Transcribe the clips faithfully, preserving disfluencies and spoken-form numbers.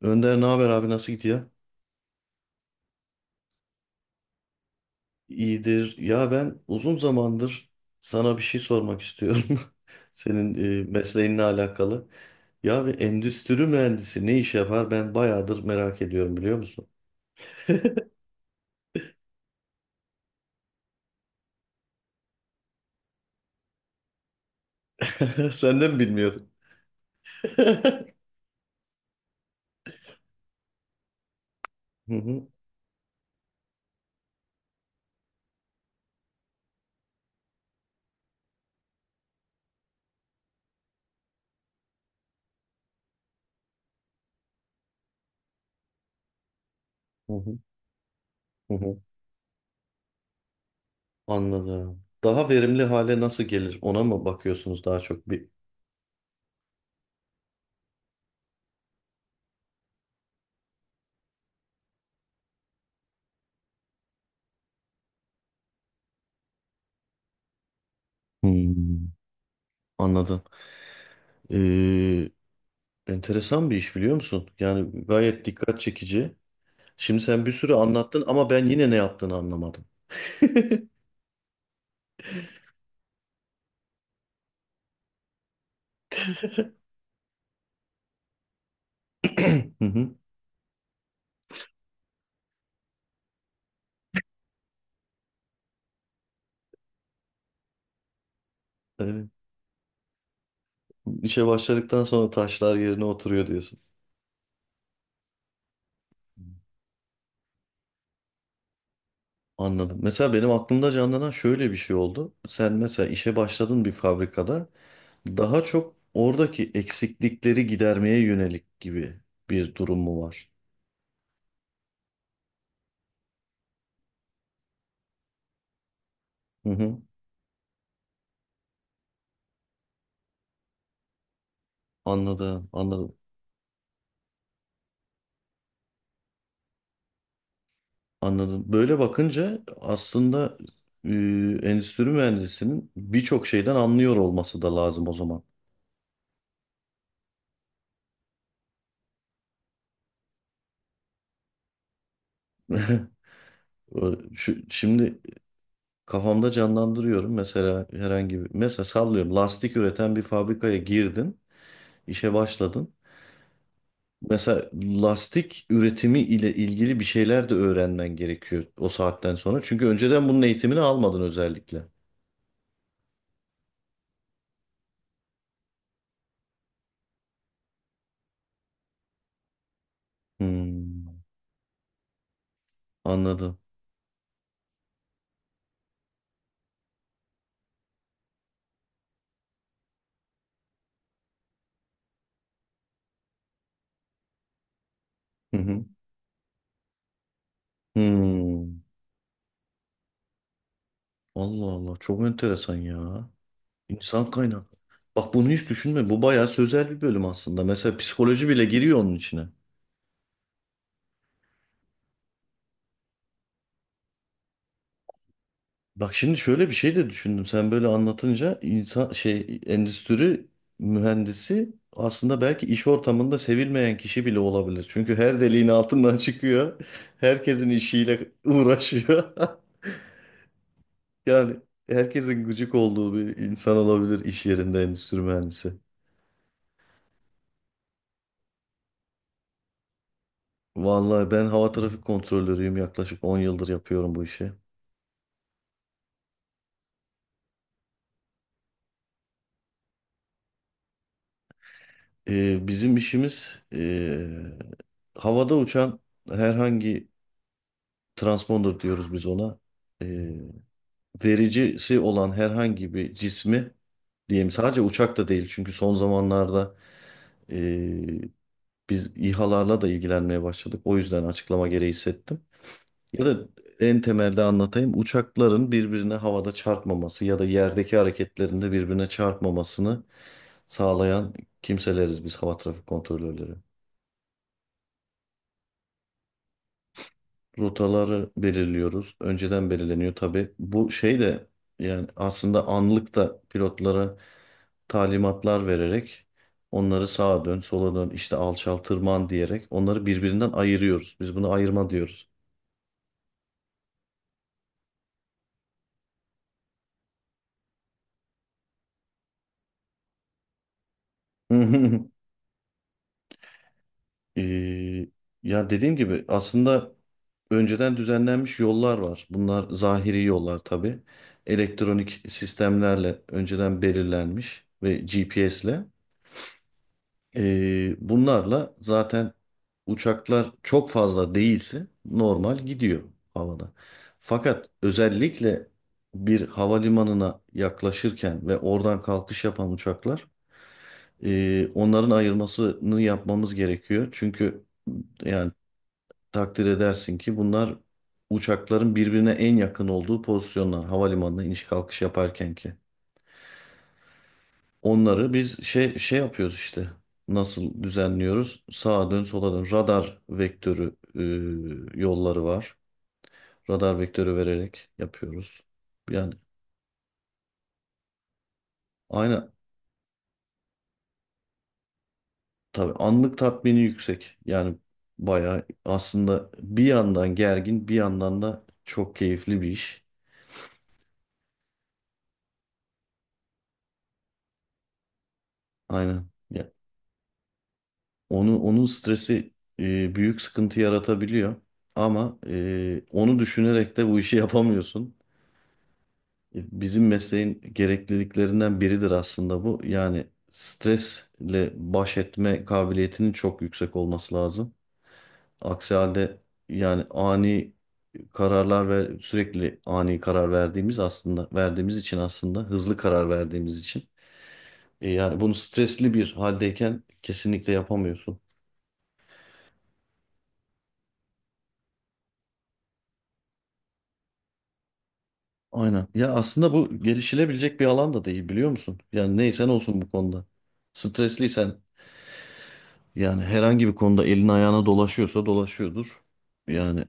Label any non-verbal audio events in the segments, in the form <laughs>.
Önder ne haber abi nasıl gidiyor? İyidir. Ya ben uzun zamandır sana bir şey sormak istiyorum. <laughs> Senin e, mesleğinle alakalı. Ya bir endüstri mühendisi ne iş yapar? Ben bayağıdır merak ediyorum biliyor musun? <laughs> Senden bilmiyordum. <laughs> Hı hı, hı hı, hı hı. Anladım. Daha verimli hale nasıl gelir? Ona mı bakıyorsunuz daha çok bir? Hmm, anladım. Ee, Enteresan bir iş biliyor musun? Yani gayet dikkat çekici. Şimdi sen bir sürü anlattın ama ben yine ne yaptığını anlamadım. <clears throat> Hı hı. Evet. İşe başladıktan sonra taşlar yerine oturuyor diyorsun. Anladım. Mesela benim aklımda canlanan şöyle bir şey oldu. Sen mesela işe başladın bir fabrikada daha çok oradaki eksiklikleri gidermeye yönelik gibi bir durum mu var? Hı hı. Anladım, anladım, anladım. Böyle bakınca aslında e, endüstri mühendisinin birçok şeyden anlıyor olması da lazım o zaman. <laughs> Ö- Şu, şimdi kafamda canlandırıyorum mesela herhangi bir mesela sallıyorum lastik üreten bir fabrikaya girdin işe başladın mesela lastik üretimi ile ilgili bir şeyler de öğrenmen gerekiyor o saatten sonra çünkü önceden bunun eğitimini almadın özellikle. Hmm, anladım. Hı hı. Hmm, Allah Allah çok enteresan ya. İnsan kaynak bak bunu hiç düşünme, bu bayağı sözel bir bölüm aslında, mesela psikoloji bile giriyor onun içine. Bak şimdi şöyle bir şey de düşündüm. Sen böyle anlatınca insan şey endüstri mühendisi aslında belki iş ortamında sevilmeyen kişi bile olabilir. Çünkü her deliğin altından <laughs> çıkıyor. Herkesin işiyle uğraşıyor. <laughs> Yani herkesin gıcık olduğu bir insan olabilir iş yerinde endüstri mühendisi. Vallahi ben hava trafik kontrolörüyüm. Yaklaşık on yıldır yapıyorum bu işi. Ee, bizim işimiz ee, havada uçan herhangi transponder diyoruz biz ona. E, Vericisi olan herhangi bir cismi diyeyim, sadece uçak da değil çünkü son zamanlarda e, biz İHA'larla da ilgilenmeye başladık. O yüzden açıklama gereği hissettim. Ya da en temelde anlatayım. Uçakların birbirine havada çarpmaması ya da yerdeki hareketlerinde birbirine çarpmamasını sağlayan kimseleriz biz, hava trafik kontrolörleri. Rotaları belirliyoruz. Önceden belirleniyor tabii. Bu şey de yani aslında anlık da pilotlara talimatlar vererek onları sağa dön, sola dön, işte alçal, tırman diyerek onları birbirinden ayırıyoruz. Biz bunu ayırma diyoruz. <laughs> Ee, Ya dediğim gibi aslında önceden düzenlenmiş yollar var. Bunlar zahiri yollar tabii. Elektronik sistemlerle önceden belirlenmiş ve G P S'le. Ee, bunlarla zaten uçaklar çok fazla değilse normal gidiyor havada. Fakat özellikle bir havalimanına yaklaşırken ve oradan kalkış yapan uçaklar, e, onların ayırmasını yapmamız gerekiyor. Çünkü yani takdir edersin ki bunlar uçakların birbirine en yakın olduğu pozisyonlar, havalimanına iniş kalkış yaparken ki. Onları biz şey şey yapıyoruz işte. Nasıl düzenliyoruz? Sağa dön, sola dön. Radar vektörü e, yolları var. Radar vektörü vererek yapıyoruz. Yani aynı tabii anlık tatmini yüksek. Yani bayağı aslında bir yandan gergin, bir yandan da çok keyifli bir iş. Aynen. Ya, onu onun stresi e, büyük sıkıntı yaratabiliyor. Ama e, onu düşünerek de bu işi <laughs> yapamıyorsun. Bizim mesleğin gerekliliklerinden biridir aslında bu. Yani stresle baş etme kabiliyetinin çok yüksek olması lazım. Aksi halde yani ani kararlar ve sürekli ani karar verdiğimiz aslında verdiğimiz için, aslında hızlı karar verdiğimiz için, E yani bunu stresli bir haldeyken kesinlikle yapamıyorsun. Aynen. Ya aslında bu gelişilebilecek bir alan da değil biliyor musun? Yani neysen olsun bu konuda. Stresliysen Yani herhangi bir konuda elin ayağına dolaşıyorsa dolaşıyordur. Yani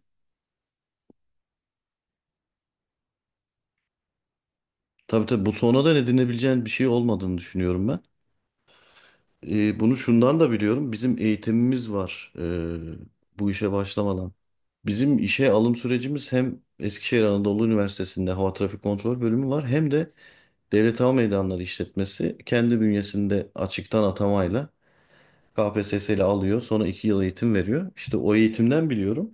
tabii tabii bu sonradan edinebileceğin bir şey olmadığını düşünüyorum ben. Ee, bunu şundan da biliyorum. Bizim eğitimimiz var ee, bu işe başlamadan. Bizim işe alım sürecimiz, hem Eskişehir Anadolu Üniversitesi'nde Hava Trafik Kontrol Bölümü var, hem de Devlet Hava Meydanları İşletmesi kendi bünyesinde açıktan atamayla K P S S ile alıyor. Sonra iki yıl eğitim veriyor. İşte o eğitimden biliyorum.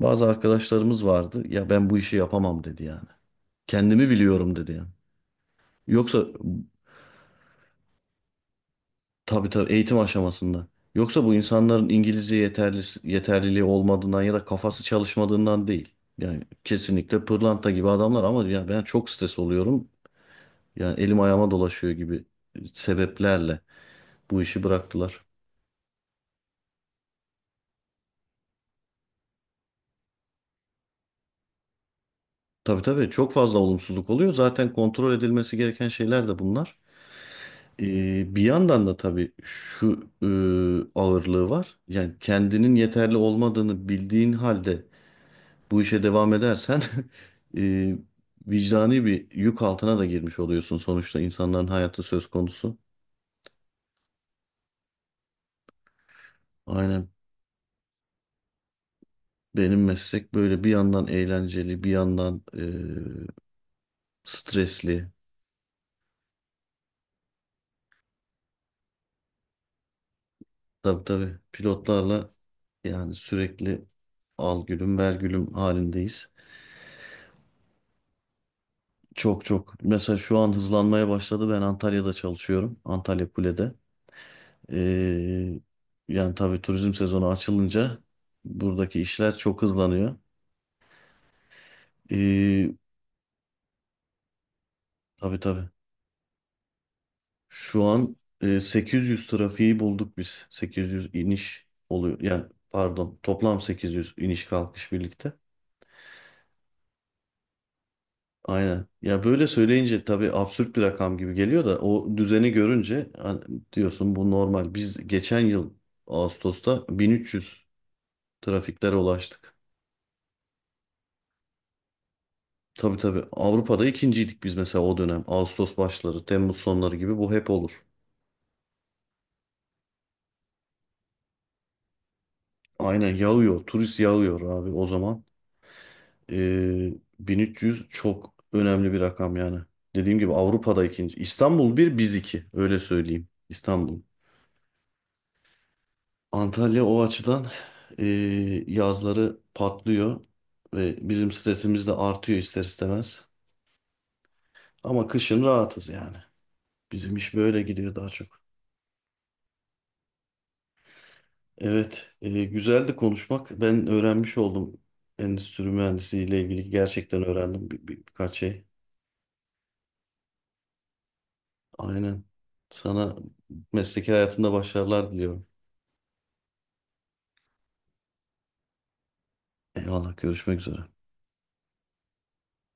Bazı arkadaşlarımız vardı. Ya ben bu işi yapamam dedi yani. Kendimi biliyorum dedi yani. Yoksa tabii tabii eğitim aşamasında. Yoksa bu insanların İngilizce yeterli, yeterliliği olmadığından ya da kafası çalışmadığından değil. Yani kesinlikle pırlanta gibi adamlar ama ya ben çok stres oluyorum. Yani elim ayağıma dolaşıyor gibi e, sebeplerle bu işi bıraktılar. Tabii tabii çok fazla olumsuzluk oluyor. Zaten kontrol edilmesi gereken şeyler de bunlar. Ee, bir yandan da tabii şu e, ağırlığı var. Yani kendinin yeterli olmadığını bildiğin halde bu işe devam edersen <laughs> e, vicdani bir yük altına da girmiş oluyorsun, sonuçta insanların hayatı söz konusu. Aynen, benim meslek böyle bir yandan eğlenceli, bir yandan e, stresli. Tabii tabii pilotlarla yani sürekli al gülüm ver gülüm halindeyiz. Çok çok mesela şu an hızlanmaya başladı, ben Antalya'da çalışıyorum, Antalya Kule'de. E, Yani tabii turizm sezonu açılınca buradaki işler çok hızlanıyor. Ee, Tabii tabii. Şu an e, sekiz yüz trafiği bulduk biz. sekiz yüz iniş oluyor. Ya pardon, toplam sekiz yüz iniş kalkış birlikte. Aynen. Ya böyle söyleyince tabii absürt bir rakam gibi geliyor da o düzeni görünce hani diyorsun bu normal. Biz geçen yıl Ağustos'ta bin üç yüz trafiklere ulaştık. Tabii tabii Avrupa'da ikinciydik biz mesela o dönem. Ağustos başları, Temmuz sonları gibi bu hep olur. Aynen yağıyor. Turist yağıyor abi o zaman. Ee, bin üç yüz çok önemli bir rakam yani. Dediğim gibi Avrupa'da ikinci. İstanbul bir, biz iki. Öyle söyleyeyim. İstanbul. Antalya o açıdan ee, yazları patlıyor ve bizim stresimiz de artıyor ister istemez. Ama kışın rahatız yani. Bizim iş böyle gidiyor daha çok. Evet, ee, güzeldi konuşmak. Ben öğrenmiş oldum. Endüstri mühendisliği ile ilgili gerçekten öğrendim bir, bir- birkaç şey. Aynen. Sana mesleki hayatında başarılar diliyorum. Eyvallah, görüşmek üzere.